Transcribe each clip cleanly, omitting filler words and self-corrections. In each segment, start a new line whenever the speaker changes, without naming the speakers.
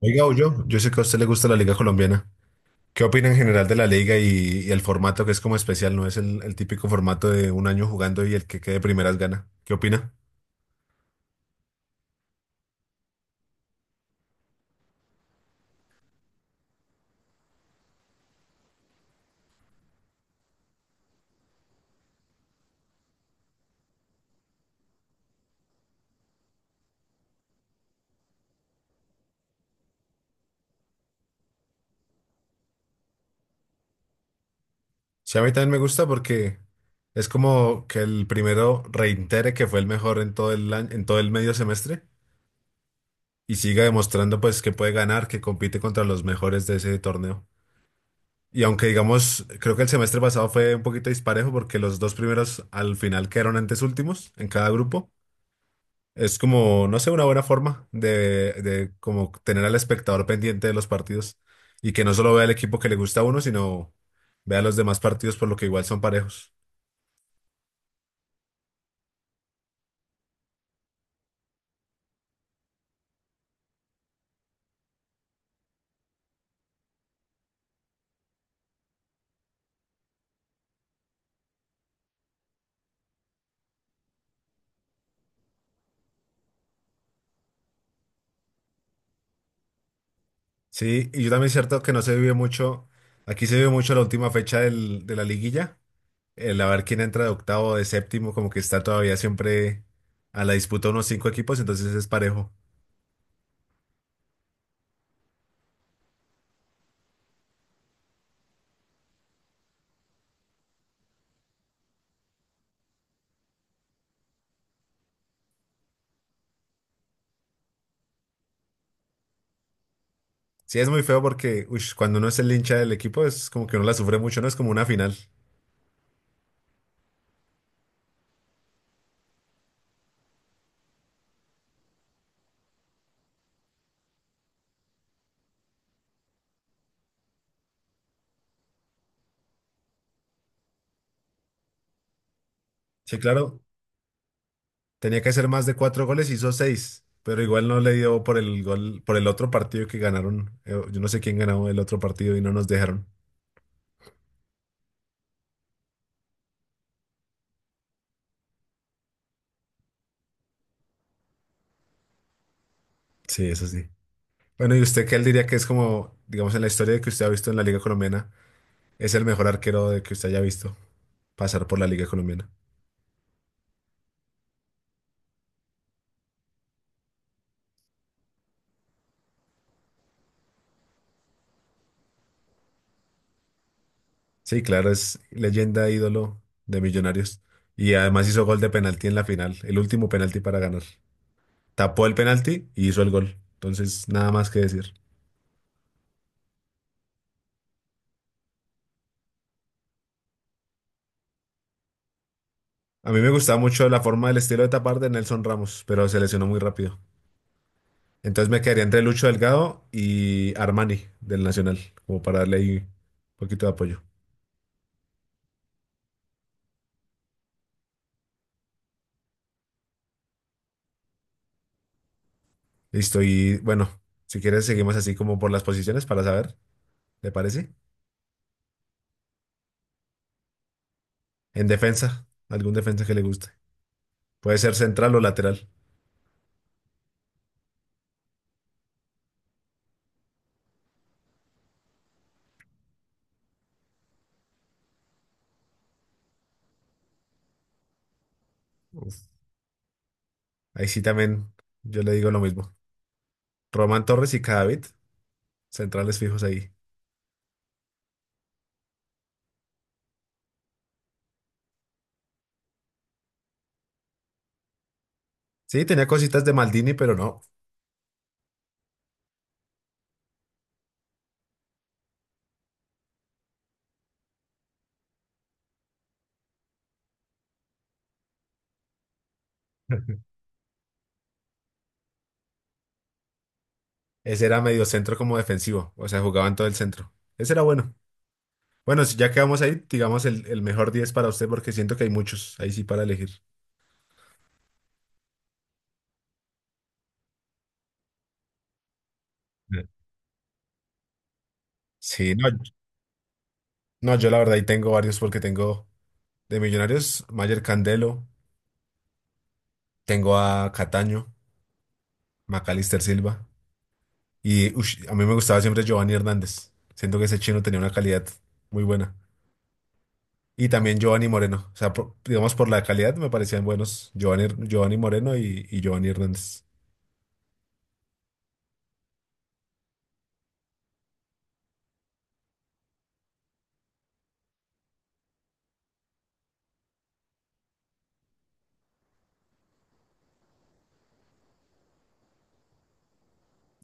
Oiga, yo sé que a usted le gusta la Liga Colombiana. ¿Qué opina en general de la liga y el formato que es como especial? No es el típico formato de un año jugando y el que quede primeras gana. ¿Qué opina? Sí, a mí también me gusta porque es como que el primero reitere que fue el mejor en todo el en todo el medio semestre y siga demostrando pues que puede ganar, que compite contra los mejores de ese torneo. Y aunque digamos, creo que el semestre pasado fue un poquito disparejo porque los dos primeros al final quedaron antes últimos en cada grupo. Es como, no sé, una buena forma de como tener al espectador pendiente de los partidos y que no solo vea el equipo que le gusta a uno, sino vea los demás partidos por lo que igual son parejos. Sí, y yo también es cierto que no se vive mucho, aquí se vive mucho la última de la liguilla, el a ver quién entra de octavo o de séptimo, como que está todavía siempre a la disputa unos cinco equipos, entonces es parejo. Sí, es muy feo porque uish, cuando uno es el hincha del equipo es como que uno la sufre mucho, no es como una final. Sí, claro. Tenía que hacer más de cuatro goles, hizo seis, pero igual no le dio por el gol, por el otro partido que ganaron. Yo no sé quién ganó el otro partido y no nos dejaron. Sí, eso sí. Bueno, ¿y usted qué él diría que es como, digamos, en la historia de que usted ha visto en la Liga Colombiana, es el mejor arquero de que usted haya visto pasar por la Liga Colombiana? Sí, claro, es leyenda, ídolo de Millonarios. Y además hizo gol de penalti en la final, el último penalti para ganar. Tapó el penalti y hizo el gol. Entonces, nada más que decir. A mí me gustaba mucho la forma del estilo de tapar de Nelson Ramos, pero se lesionó muy rápido. Entonces me quedaría entre Lucho Delgado y Armani del Nacional, como para darle ahí un poquito de apoyo. Listo, y bueno, si quieres seguimos así como por las posiciones para saber, ¿te parece? En defensa, algún defensa que le guste. Puede ser central o lateral. Uf, ahí sí también yo le digo lo mismo. Román Torres y Cadavid, centrales fijos ahí. Sí, tenía cositas de Maldini, pero no. Ese era medio centro como defensivo, o sea, jugaba en todo el centro. Ese era bueno. Bueno, si ya quedamos ahí, digamos el mejor 10 para usted porque siento que hay muchos ahí sí para elegir. Mm. Sí, no, no, yo la verdad ahí tengo varios porque tengo de Millonarios, Mayer Candelo, tengo a Cataño, Macalister Silva y ush, a mí me gustaba siempre Giovanni Hernández. Siento que ese chino tenía una calidad muy buena. Y también Giovanni Moreno, o sea, digamos por la calidad me parecían buenos Giovanni, Giovanni Moreno y Giovanni Hernández.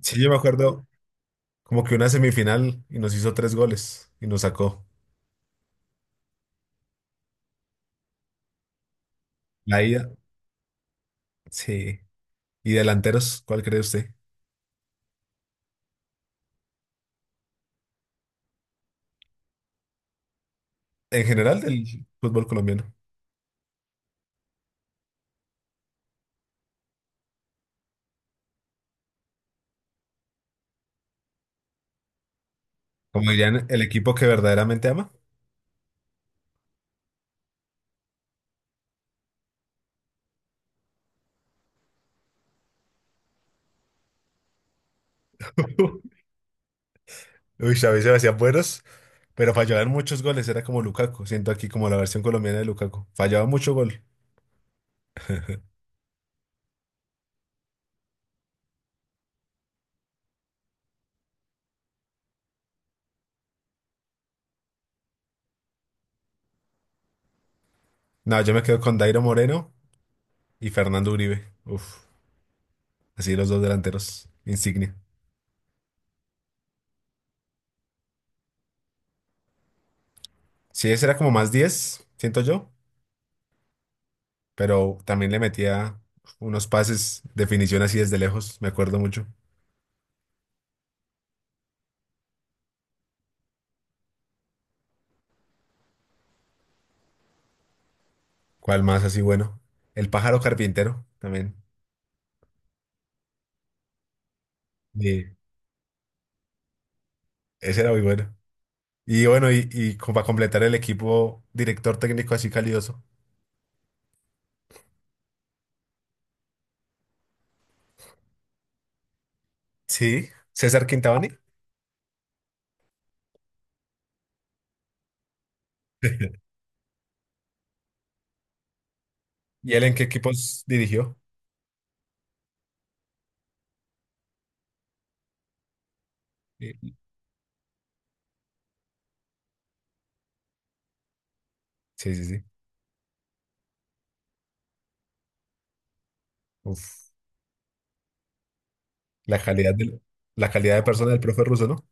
Sí, yo me acuerdo. Como que una semifinal y nos hizo tres goles y nos sacó. La ida, sí. ¿Y delanteros? ¿Cuál cree usted? En general del fútbol colombiano. Como dirían, el equipo que verdaderamente ama. Uy, a veces me hacían buenos, pero fallaban muchos goles. Era como Lukaku. Siento aquí como la versión colombiana de Lukaku. Fallaba mucho gol. No, yo me quedo con Dairo Moreno y Fernando Uribe. Uf, así los dos delanteros. Insignia. Sí, ese era como más 10 siento yo. Pero también le metía unos pases, definición así desde lejos, me acuerdo mucho. ¿Cuál más así bueno? El pájaro carpintero también. Y ese era muy bueno. Y bueno, y como para completar el equipo, director técnico así calidoso. Sí, César Quintabani. ¿Y él en qué equipos dirigió? Sí, sí, sí. Sí. Uf, la calidad de, la calidad de persona del profe Russo, ¿no?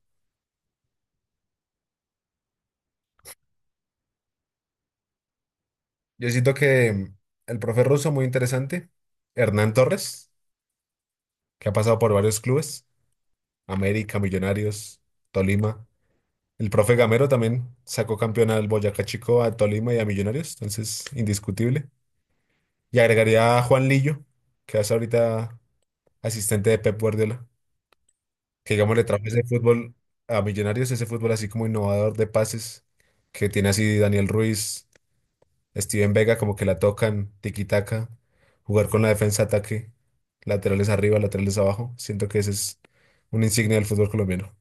Yo siento que el profe Russo muy interesante. Hernán Torres, que ha pasado por varios clubes. América, Millonarios, Tolima. El profe Gamero también sacó campeón al Boyacá Chico, a Tolima y a Millonarios, entonces indiscutible. Y agregaría a Juan Lillo, que es ahorita asistente de Pep Guardiola, que digamos le trajo ese fútbol a Millonarios, ese fútbol así como innovador de pases, que tiene así Daniel Ruiz, Steven Vega, como que la tocan, tiki-taka, jugar con la defensa ataque, laterales arriba, laterales abajo. Siento que ese es una insignia del fútbol colombiano.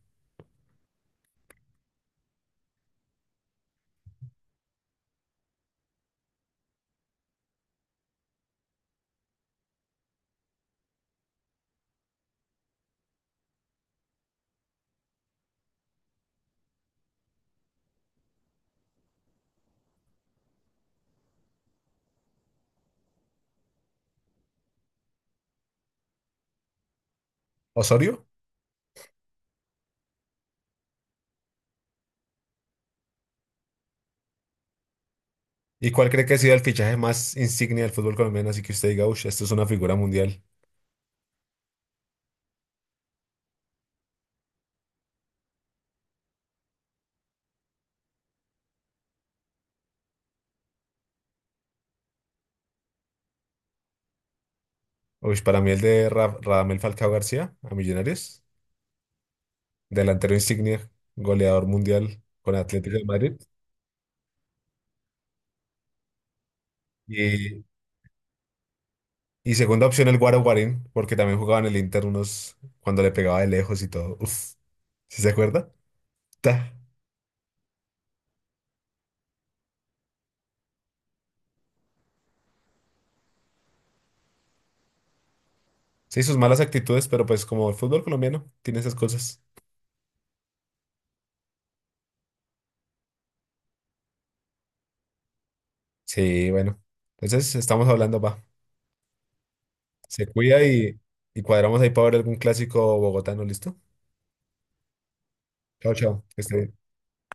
Osorio. ¿Y cuál cree que ha sido el fichaje más insignia del fútbol colombiano? Así que usted diga, uff, esto es una figura mundial. Uff, para mí el de Radamel Falcao García a Millonarios, delantero insignia, goleador mundial con Atlético de Madrid. Y, y segunda opción el Guaro Guarín, porque también jugaba en el Inter unos cuando le pegaba de lejos y todo. Uff, ¿sí se acuerda? Ta. Sí, sus malas actitudes, pero pues como el fútbol colombiano tiene esas cosas. Sí, bueno. Entonces estamos hablando, va. Se cuida y cuadramos ahí para ver algún clásico bogotano, ¿listo? Chao, chao. Que esté bien.